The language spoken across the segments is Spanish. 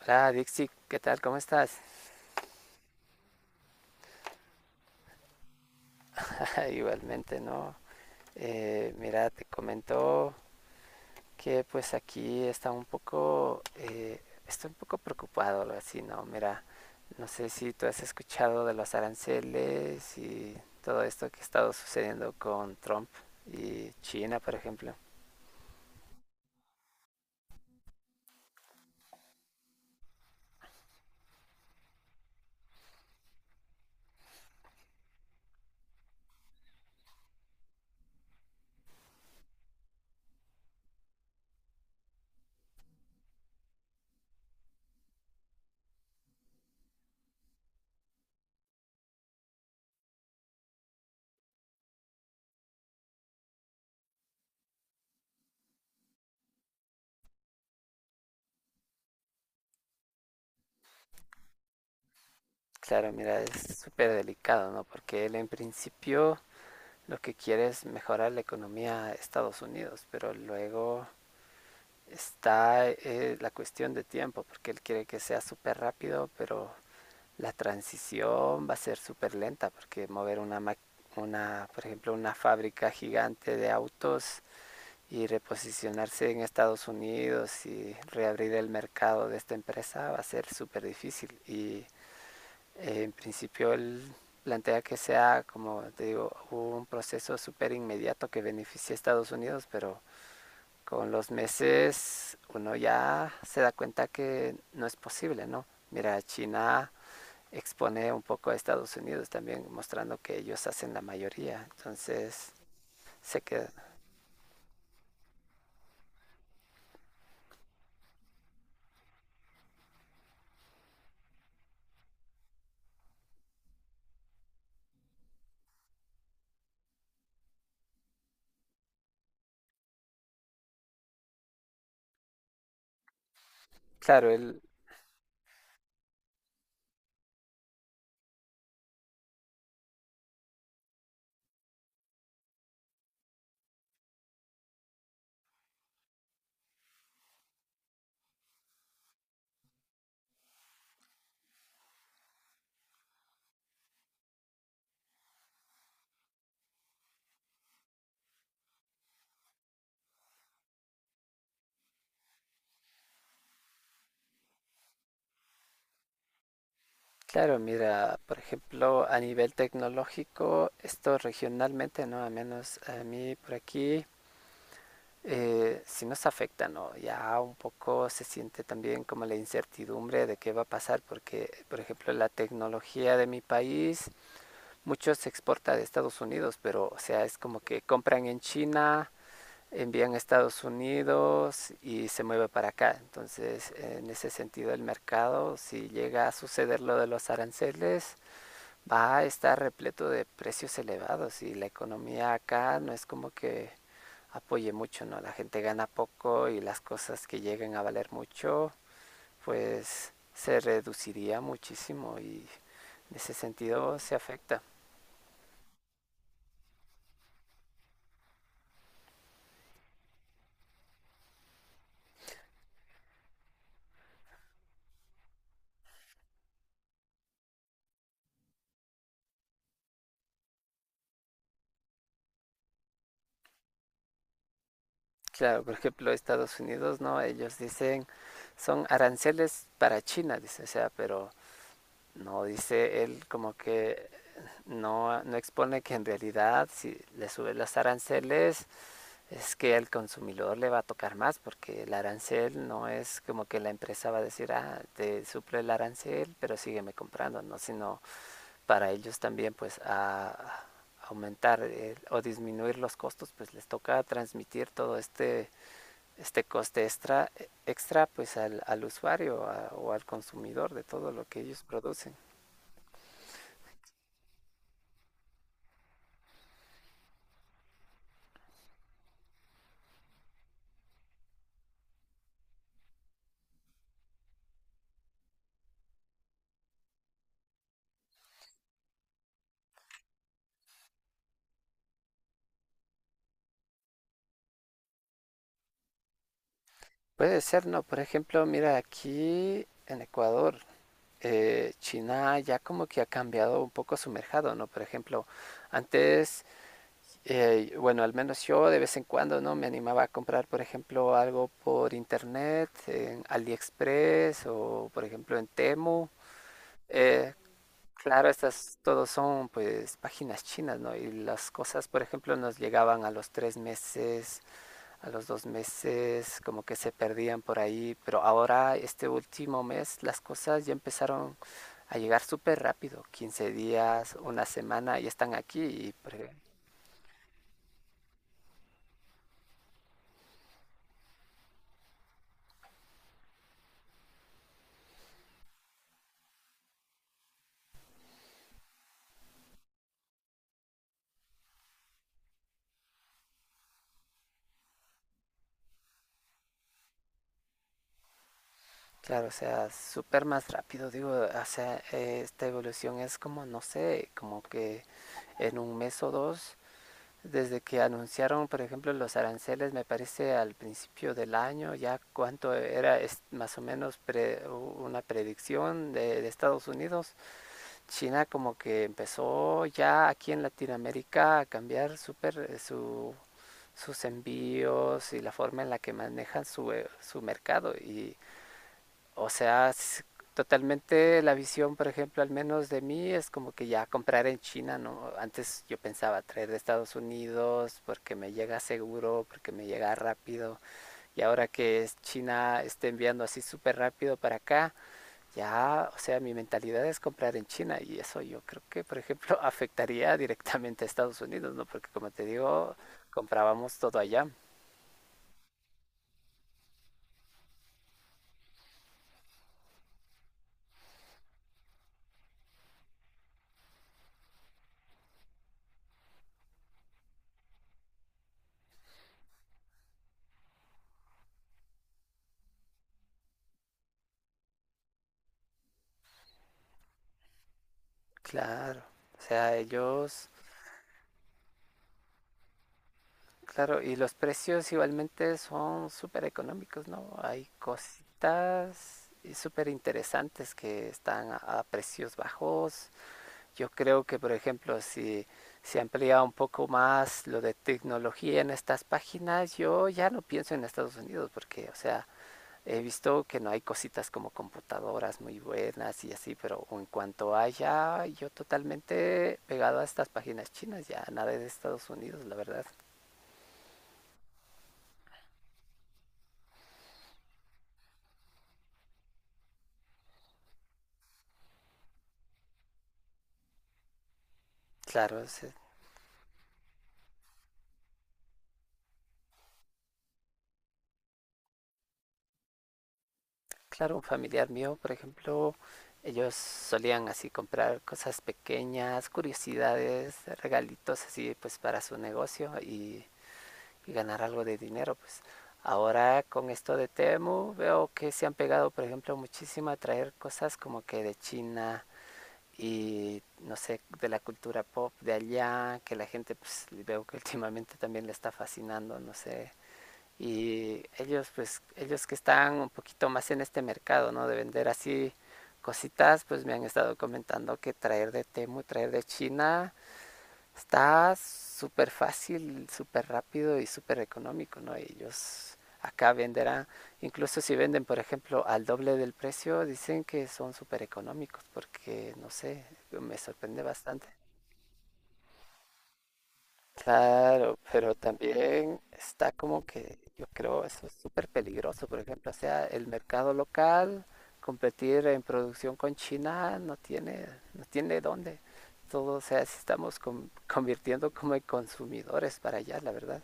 Hola Dixie, ¿qué tal? ¿Cómo estás? Igualmente, ¿no? Mira, te comento que pues aquí está un poco, estoy un poco preocupado, algo así, ¿no? Mira, no sé si tú has escuchado de los aranceles y todo esto que ha estado sucediendo con Trump y China, por ejemplo. Claro, mira, es súper delicado, ¿no? Porque él en principio lo que quiere es mejorar la economía de Estados Unidos, pero luego está la cuestión de tiempo, porque él quiere que sea súper rápido, pero la transición va a ser súper lenta, porque mover una, por ejemplo, una fábrica gigante de autos y reposicionarse en Estados Unidos y reabrir el mercado de esta empresa va a ser súper difícil. Y en principio él plantea que sea, como te digo, un proceso súper inmediato que beneficie a Estados Unidos, pero con los meses uno ya se da cuenta que no es posible, ¿no? Mira, China expone un poco a Estados Unidos también, mostrando que ellos hacen la mayoría. Entonces, se queda. Claro, el, claro, mira, por ejemplo, a nivel tecnológico, esto regionalmente, ¿no? A menos a mí por aquí, sí nos afecta, ¿no? Ya un poco se siente también como la incertidumbre de qué va a pasar, porque, por ejemplo, la tecnología de mi país mucho se exporta de Estados Unidos, pero o sea, es como que compran en China, envían a Estados Unidos y se mueve para acá. Entonces, en ese sentido, el mercado, si llega a suceder lo de los aranceles, va a estar repleto de precios elevados y la economía acá no es como que apoye mucho, ¿no? La gente gana poco y las cosas que lleguen a valer mucho, pues se reduciría muchísimo y en ese sentido se afecta. Claro, por ejemplo, Estados Unidos, ¿no? Ellos dicen, son aranceles para China, dice, o sea, pero no dice él como que no, no expone que en realidad si le suben los aranceles es que al consumidor le va a tocar más porque el arancel no es como que la empresa va a decir, ah, te suple el arancel, pero sígueme comprando, ¿no? Sino para ellos también pues a aumentar o disminuir los costos, pues les toca transmitir todo este coste extra pues al usuario o al consumidor de todo lo que ellos producen. Puede ser, ¿no? Por ejemplo, mira, aquí en Ecuador, China ya como que ha cambiado un poco su mercado, ¿no? Por ejemplo, antes, bueno, al menos yo de vez en cuando, ¿no? Me animaba a comprar, por ejemplo, algo por internet, en AliExpress o, por ejemplo, en Temu. Eh, Claro, estas todos son pues páginas chinas, ¿no? Y las cosas, por ejemplo, nos llegaban a los 3 meses, a los 2 meses, como que se perdían por ahí, pero ahora este último mes las cosas ya empezaron a llegar súper rápido, 15 días, una semana, y están aquí y claro, o sea, súper más rápido, digo, o sea, esta evolución es como, no sé, como que en un mes o dos. Desde que anunciaron, por ejemplo, los aranceles, me parece al principio del año, ya cuánto era más o menos una predicción de Estados Unidos, China como que empezó ya aquí en Latinoamérica a cambiar súper sus envíos y la forma en la que manejan su mercado. Y o sea, totalmente la visión, por ejemplo, al menos de mí, es como que ya comprar en China, ¿no? Antes yo pensaba traer de Estados Unidos porque me llega seguro, porque me llega rápido. Y ahora que es China está enviando así súper rápido para acá, ya, o sea, mi mentalidad es comprar en China. Y eso yo creo que, por ejemplo, afectaría directamente a Estados Unidos, ¿no? Porque como te digo, comprábamos todo allá. Claro. O sea, ellos... Claro, y los precios igualmente son súper económicos, ¿no? Hay cositas y súper interesantes que están a precios bajos. Yo creo que, por ejemplo, si se amplía un poco más lo de tecnología en estas páginas, yo ya no pienso en Estados Unidos porque, o sea, he visto que no hay cositas como computadoras muy buenas y así, pero en cuanto haya, yo totalmente pegado a estas páginas chinas, ya nada de Estados Unidos, la verdad. Claro, es Claro, un familiar mío, por ejemplo, ellos solían así comprar cosas pequeñas, curiosidades, regalitos así pues para su negocio y ganar algo de dinero, pues. Ahora con esto de Temu veo que se han pegado, por ejemplo, muchísimo a traer cosas como que de China y no sé, de la cultura pop de allá, que la gente pues veo que últimamente también le está fascinando, no sé, y ellos pues ellos que están un poquito más en este mercado no de vender así cositas pues me han estado comentando que traer de Temu traer de China está súper fácil súper rápido y súper económico no ellos acá venderán incluso si venden por ejemplo al doble del precio dicen que son súper económicos porque no sé me sorprende bastante. Claro, pero también está como que yo creo eso es súper peligroso, por ejemplo, o sea, el mercado local, competir en producción con China no tiene, no tiene dónde. Todo, o sea, si estamos convirtiendo como en consumidores para allá, la verdad.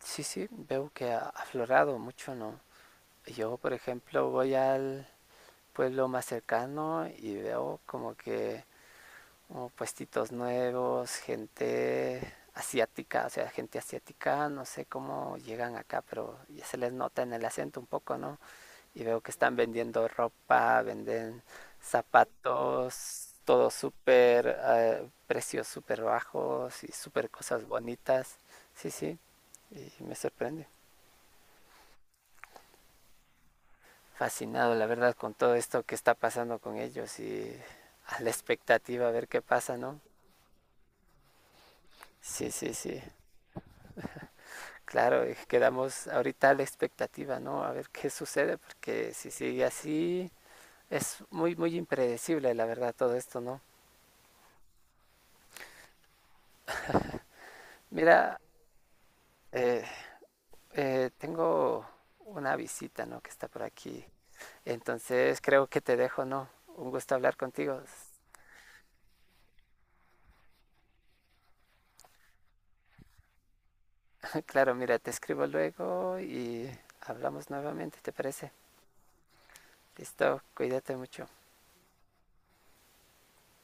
Sí, sí, veo que ha aflorado mucho, ¿no? Yo, por ejemplo, voy al pueblo más cercano y veo como que o puestitos nuevos, gente asiática, o sea, gente asiática, no sé cómo llegan acá, pero ya se les nota en el acento un poco, ¿no? Y veo que están vendiendo ropa, venden zapatos, todo súper, precios súper bajos y súper cosas bonitas. Sí, sí, y me sorprende. Fascinado, la verdad, con todo esto que está pasando con ellos y a la expectativa a ver qué pasa, ¿no? Sí, sí, sí. Claro, quedamos ahorita a la expectativa, ¿no? A ver qué sucede, porque si sigue así, es muy, muy impredecible, la verdad, todo esto, ¿no? Mira, eh, tengo una visita, ¿no? Que está por aquí. Entonces creo que te dejo, ¿no? Un gusto hablar contigo. Claro, mira, te escribo luego y hablamos nuevamente, ¿te parece? Listo, cuídate mucho.